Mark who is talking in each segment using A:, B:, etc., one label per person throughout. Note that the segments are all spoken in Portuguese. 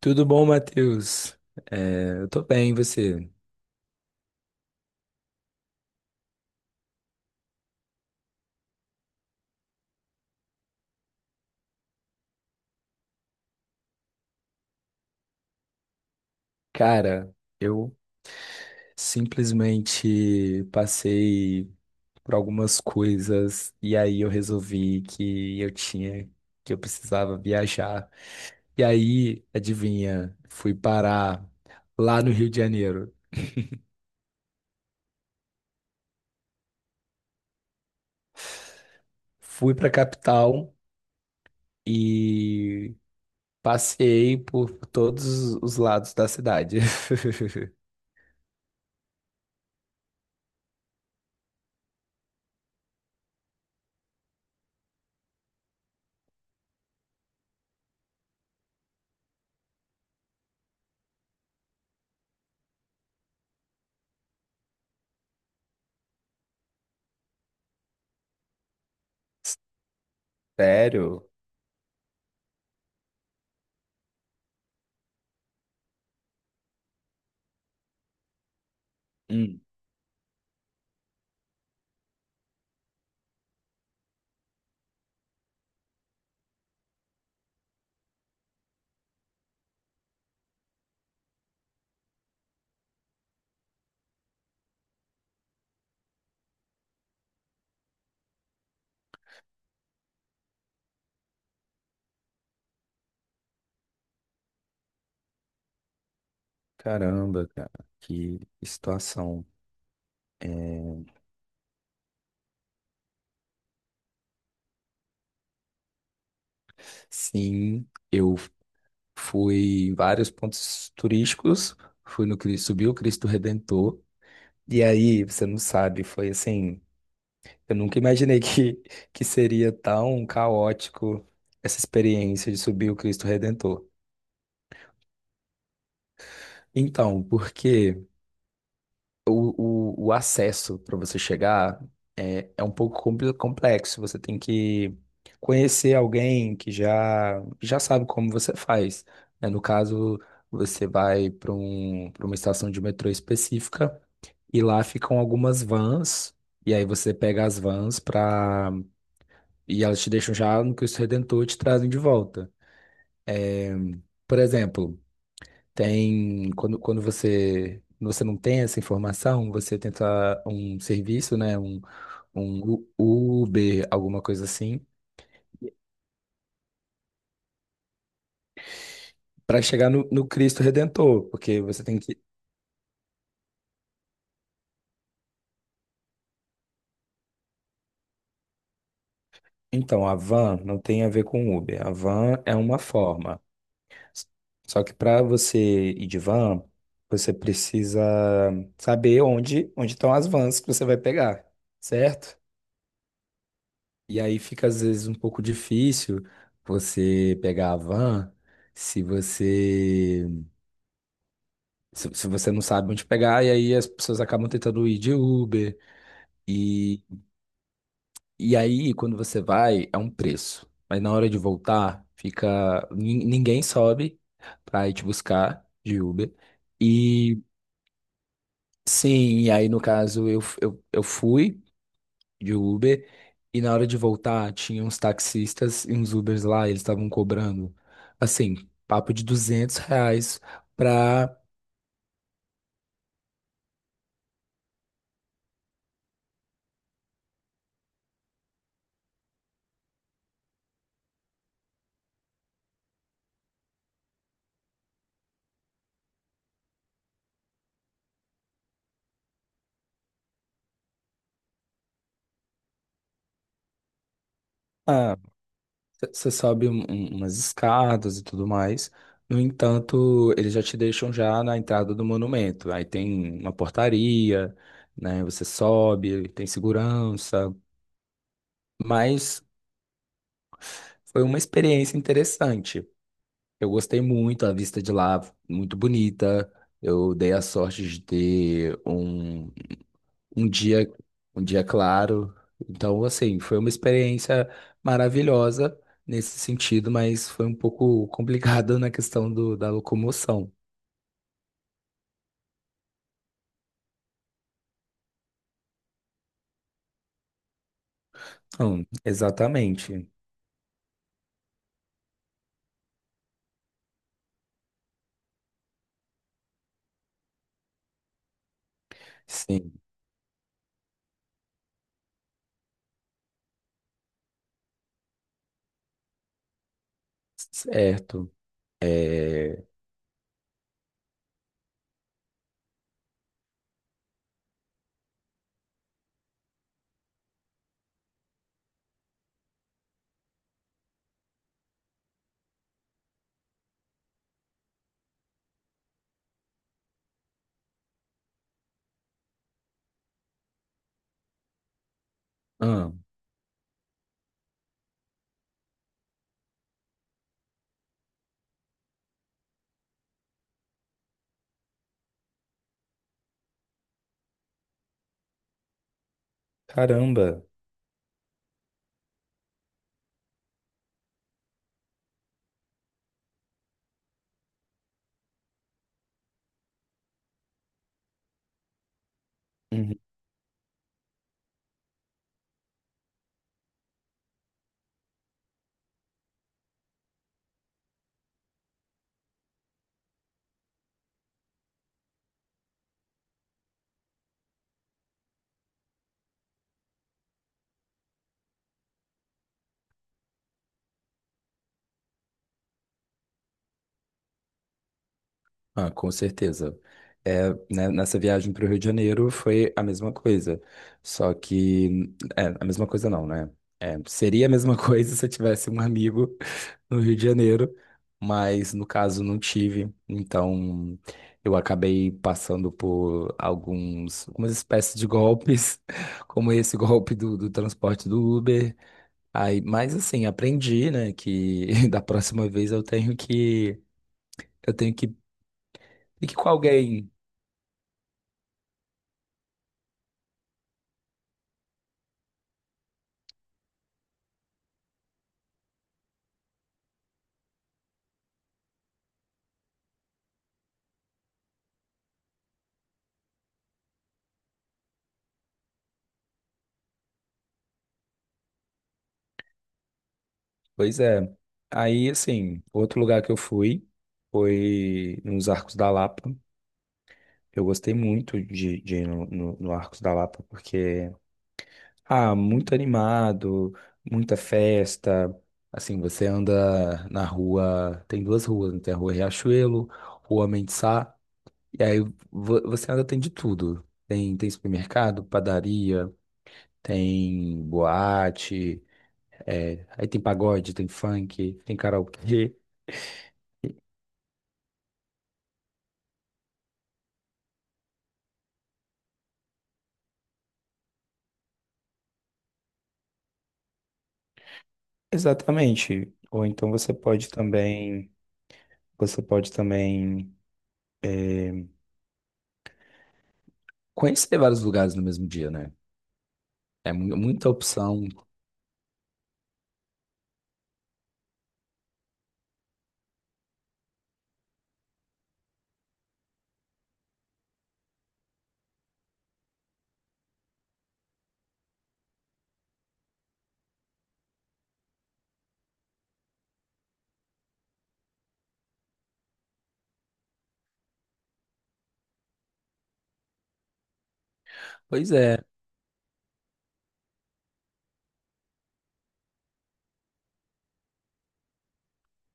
A: Tudo bom, Matheus? É, eu tô bem, e você? Cara, eu simplesmente passei por algumas coisas e aí eu resolvi que eu precisava viajar. E aí, adivinha, fui parar lá no Rio de Janeiro. Fui pra capital e passei por todos os lados da cidade. Sério? Caramba, cara, que situação. É, sim, eu fui em vários pontos turísticos, fui no Cristo, subi o Cristo Redentor, e aí, você não sabe, foi assim, eu nunca imaginei que seria tão caótico essa experiência de subir o Cristo Redentor. Então, porque? O acesso para você chegar é um pouco complexo. Você tem que conhecer alguém que já sabe como você faz, né? No caso, você vai para uma estação de metrô específica e lá ficam algumas vans. E aí você pega as vans para e elas te deixam já no Cristo Redentor e te trazem de volta. Por exemplo, quando você não tem essa informação, você tenta um serviço, né? Um Uber, alguma coisa assim, para chegar no Cristo Redentor, porque você tem que. Então, a van não tem a ver com Uber. A van é uma forma. S- Só que para você ir de van, você precisa saber onde estão as vans que você vai pegar, certo? E aí fica às vezes um pouco difícil você pegar a van se você se você não sabe onde pegar, e aí as pessoas acabam tentando ir de Uber. E, e aí, quando você vai, é um preço. Mas na hora de voltar, fica. Ninguém sobe pra ir te buscar de Uber. E sim, e aí no caso eu fui de Uber, e na hora de voltar tinha uns taxistas e uns Ubers lá, e eles estavam cobrando, assim, papo de 200 reais pra... Ah, você sobe umas escadas e tudo mais. No entanto, eles já te deixam já na entrada do monumento. Aí tem uma portaria, né? Você sobe, tem segurança, mas foi uma experiência interessante. Eu gostei muito, a vista de lá, muito bonita. Eu dei a sorte de ter um dia, um dia claro. Então, assim, foi uma experiência maravilhosa nesse sentido, mas foi um pouco complicado na questão da locomoção. Exatamente. Sim, certo. É... Ah, caramba. Ah, com certeza. É, né, nessa viagem para o Rio de Janeiro foi a mesma coisa. Só que. É, a mesma coisa não, né? É, seria a mesma coisa se eu tivesse um amigo no Rio de Janeiro, mas no caso não tive. Então eu acabei passando por algumas espécies de golpes, como esse golpe do transporte do Uber. Aí, mas assim, aprendi, né, que da próxima vez Eu tenho que. E que com alguém. Pois é. Aí, assim, outro lugar que eu fui foi nos Arcos da Lapa. Eu gostei muito de ir no Arcos da Lapa, porque, muito animado, muita festa. Assim, você anda na rua, tem duas ruas, né? Tem a Rua Riachuelo, Rua Mendesá, e aí você anda, tem de tudo. Tem supermercado, padaria, tem boate, aí tem pagode, tem funk, tem karaokê. Exatamente. Ou então você pode também é, conhecer vários lugares no mesmo dia, né? É muita opção. Pois é,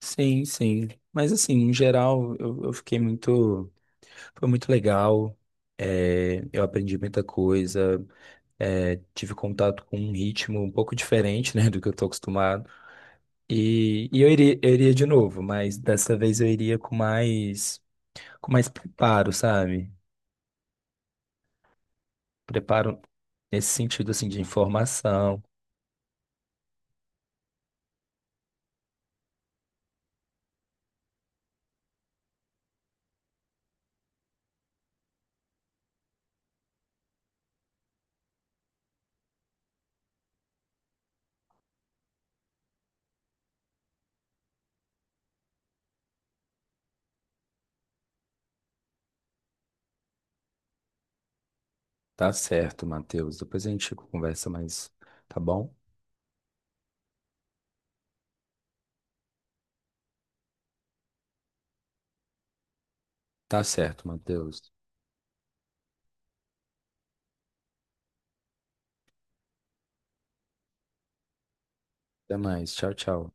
A: sim, sim. Mas assim, em geral, eu fiquei muito. Foi muito legal. É, eu aprendi muita coisa. É, tive contato com um ritmo um pouco diferente, né, do que eu tô acostumado. E eu iria de novo, mas dessa vez eu iria com mais, preparo, sabe? Preparo nesse sentido assim de informação. Tá certo, Matheus. Depois a gente conversa mais, tá bom? Tá certo, Matheus. Até mais. Tchau, tchau.